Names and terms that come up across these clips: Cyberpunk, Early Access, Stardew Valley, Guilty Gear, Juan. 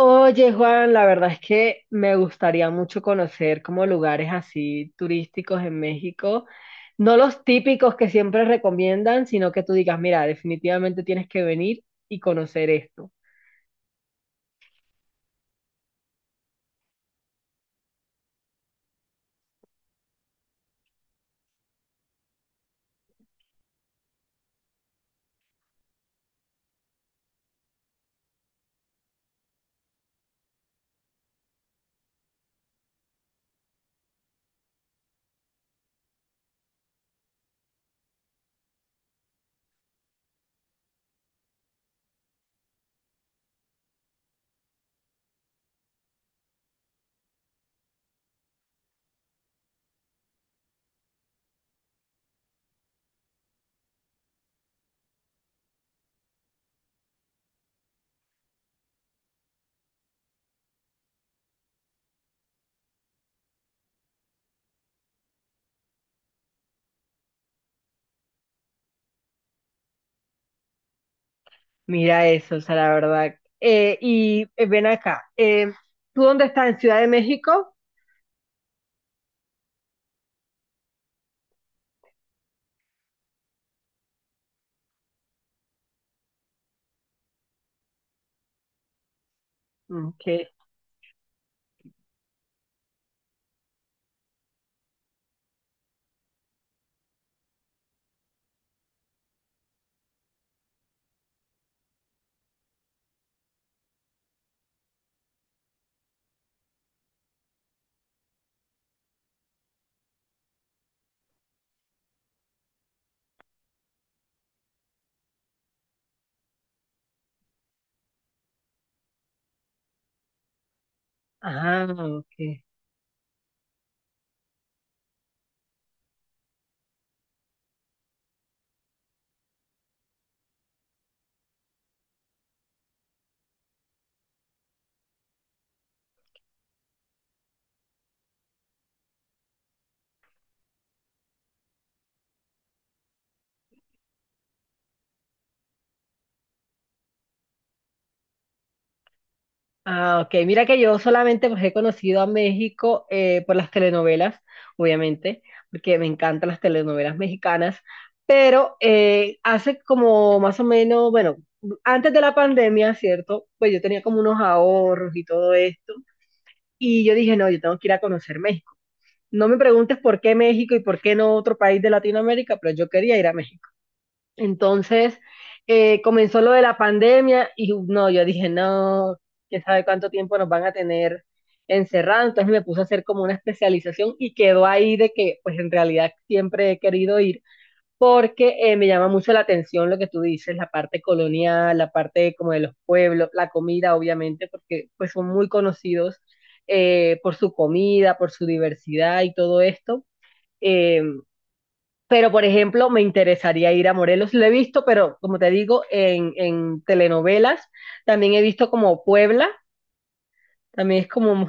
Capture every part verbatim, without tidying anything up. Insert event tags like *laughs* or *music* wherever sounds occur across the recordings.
Oye, Juan, la verdad es que me gustaría mucho conocer como lugares así turísticos en México, no los típicos que siempre recomiendan, sino que tú digas, mira, definitivamente tienes que venir y conocer esto. Mira eso, o sea, la verdad. Eh, y eh, ven acá, eh, ¿tú dónde estás? ¿En Ciudad de México? Ok. Ah, ok. Ah, ok. Mira que yo solamente, pues, he conocido a México eh, por las telenovelas, obviamente, porque me encantan las telenovelas mexicanas, pero eh, hace como más o menos, bueno, antes de la pandemia, ¿cierto? Pues yo tenía como unos ahorros y todo esto, y yo dije, no, yo tengo que ir a conocer México. No me preguntes por qué México y por qué no otro país de Latinoamérica, pero yo quería ir a México. Entonces, eh, comenzó lo de la pandemia y no, yo dije, no, quién sabe cuánto tiempo nos van a tener encerrados. Entonces me puse a hacer como una especialización y quedó ahí de que, pues en realidad siempre he querido ir porque eh, me llama mucho la atención lo que tú dices, la parte colonial, la parte como de los pueblos, la comida, obviamente, porque pues son muy conocidos eh, por su comida, por su diversidad y todo esto. Eh, pero, por ejemplo, me interesaría ir a Morelos. Lo he visto, pero como te digo, en, en telenovelas. También he visto como Puebla. También es como...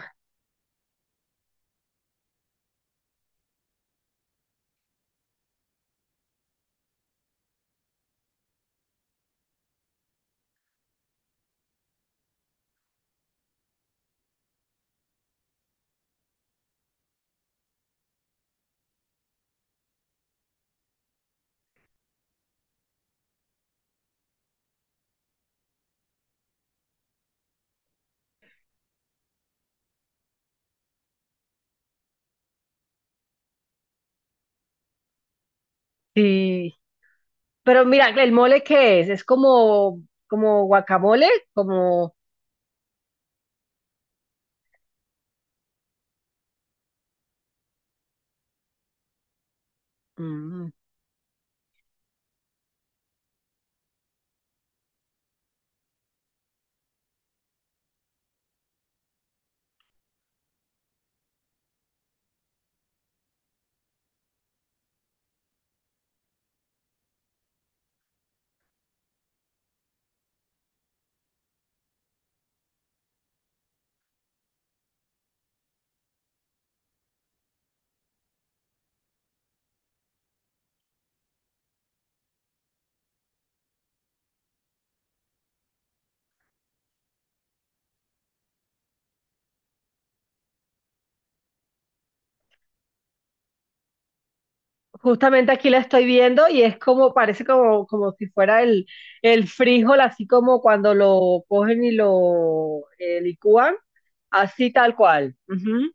Sí. Pero mira, ¿el mole qué es? Es como, como guacamole, como... Mm. Justamente aquí la estoy viendo y es como, parece como, como si fuera el, el frijol, así como cuando lo cogen y lo eh, licúan, así tal cual. Ujú.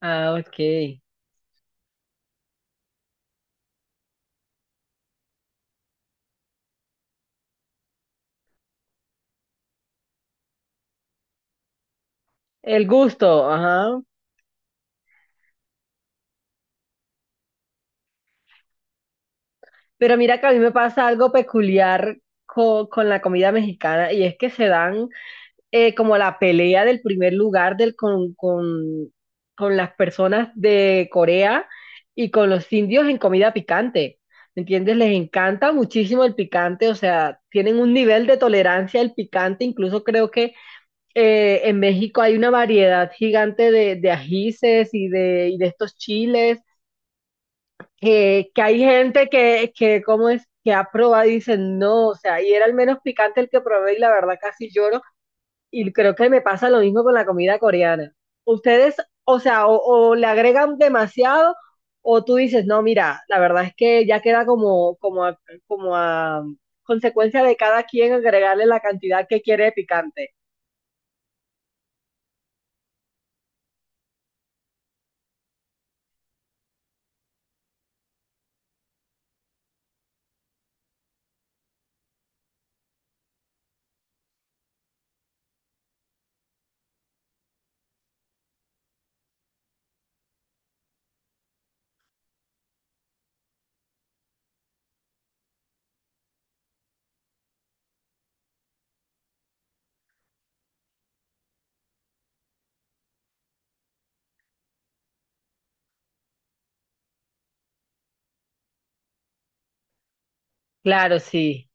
Ah, ok. El gusto, ajá. Pero mira que a mí me pasa algo peculiar co- con la comida mexicana y es que se dan eh, como la pelea del primer lugar del, con, con, con las personas de Corea y con los indios en comida picante. ¿Me entiendes? Les encanta muchísimo el picante, o sea, tienen un nivel de tolerancia al picante. Incluso creo que eh, en México hay una variedad gigante de, de ajíes y de, y de estos chiles que, que hay gente que, que, ¿cómo es? Que ha probado y dicen no, o sea, y era el menos picante el que probé y la verdad casi lloro. Y creo que me pasa lo mismo con la comida coreana. Ustedes, o sea, o, o le agregan demasiado o tú dices, no, mira, la verdad es que ya queda como, como a, como a consecuencia de cada quien agregarle la cantidad que quiere de picante. Claro, sí.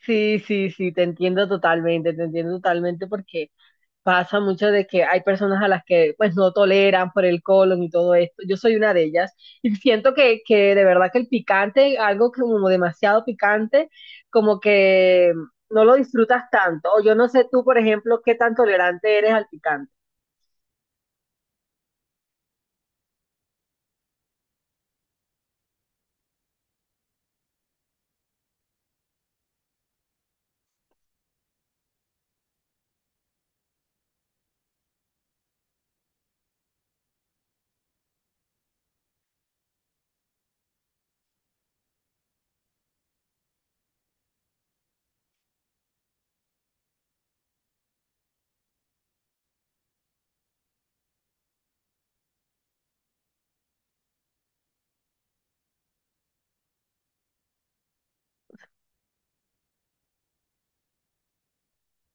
Sí, sí, sí, te entiendo totalmente, te entiendo totalmente porque pasa mucho de que hay personas a las que pues no toleran por el colon y todo esto. Yo soy una de ellas y *laughs* siento que, que de verdad que el picante, algo que como demasiado picante, como que no lo disfrutas tanto. O yo no sé tú, por ejemplo, qué tan tolerante eres al picante.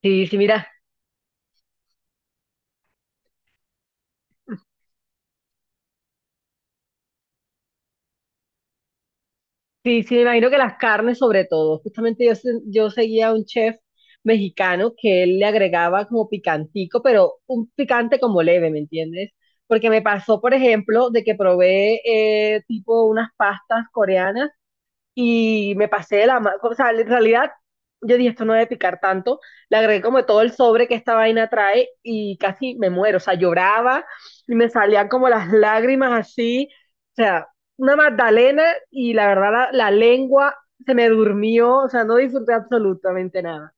Sí, sí, mira. Sí, sí, me imagino que las carnes sobre todo. Justamente yo, se- yo seguía a un chef mexicano que él le agregaba como picantico, pero un picante como leve, ¿me entiendes? Porque me pasó, por ejemplo, de que probé eh, tipo unas pastas coreanas y me pasé de la mano. O sea, en realidad yo dije, esto no debe picar tanto. Le agregué como todo el sobre que esta vaina trae y casi me muero. O sea, lloraba y me salían como las lágrimas así. O sea, una magdalena y la verdad la, la lengua se me durmió. O sea, no disfruté absolutamente nada.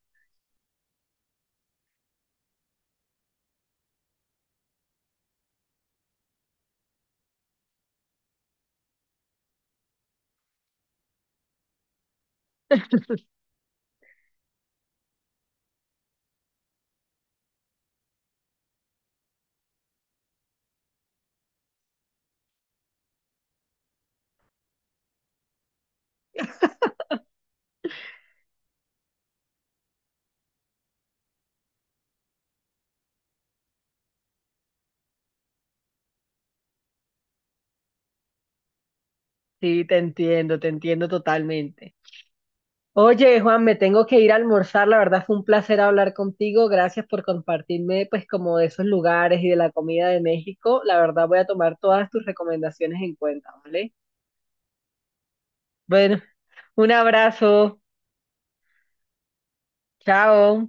Sí, te entiendo, te entiendo totalmente. Oye, Juan, me tengo que ir a almorzar. La verdad fue un placer hablar contigo. Gracias por compartirme, pues, como de esos lugares y de la comida de México. La verdad voy a tomar todas tus recomendaciones en cuenta, ¿vale? Bueno, un abrazo. Chao.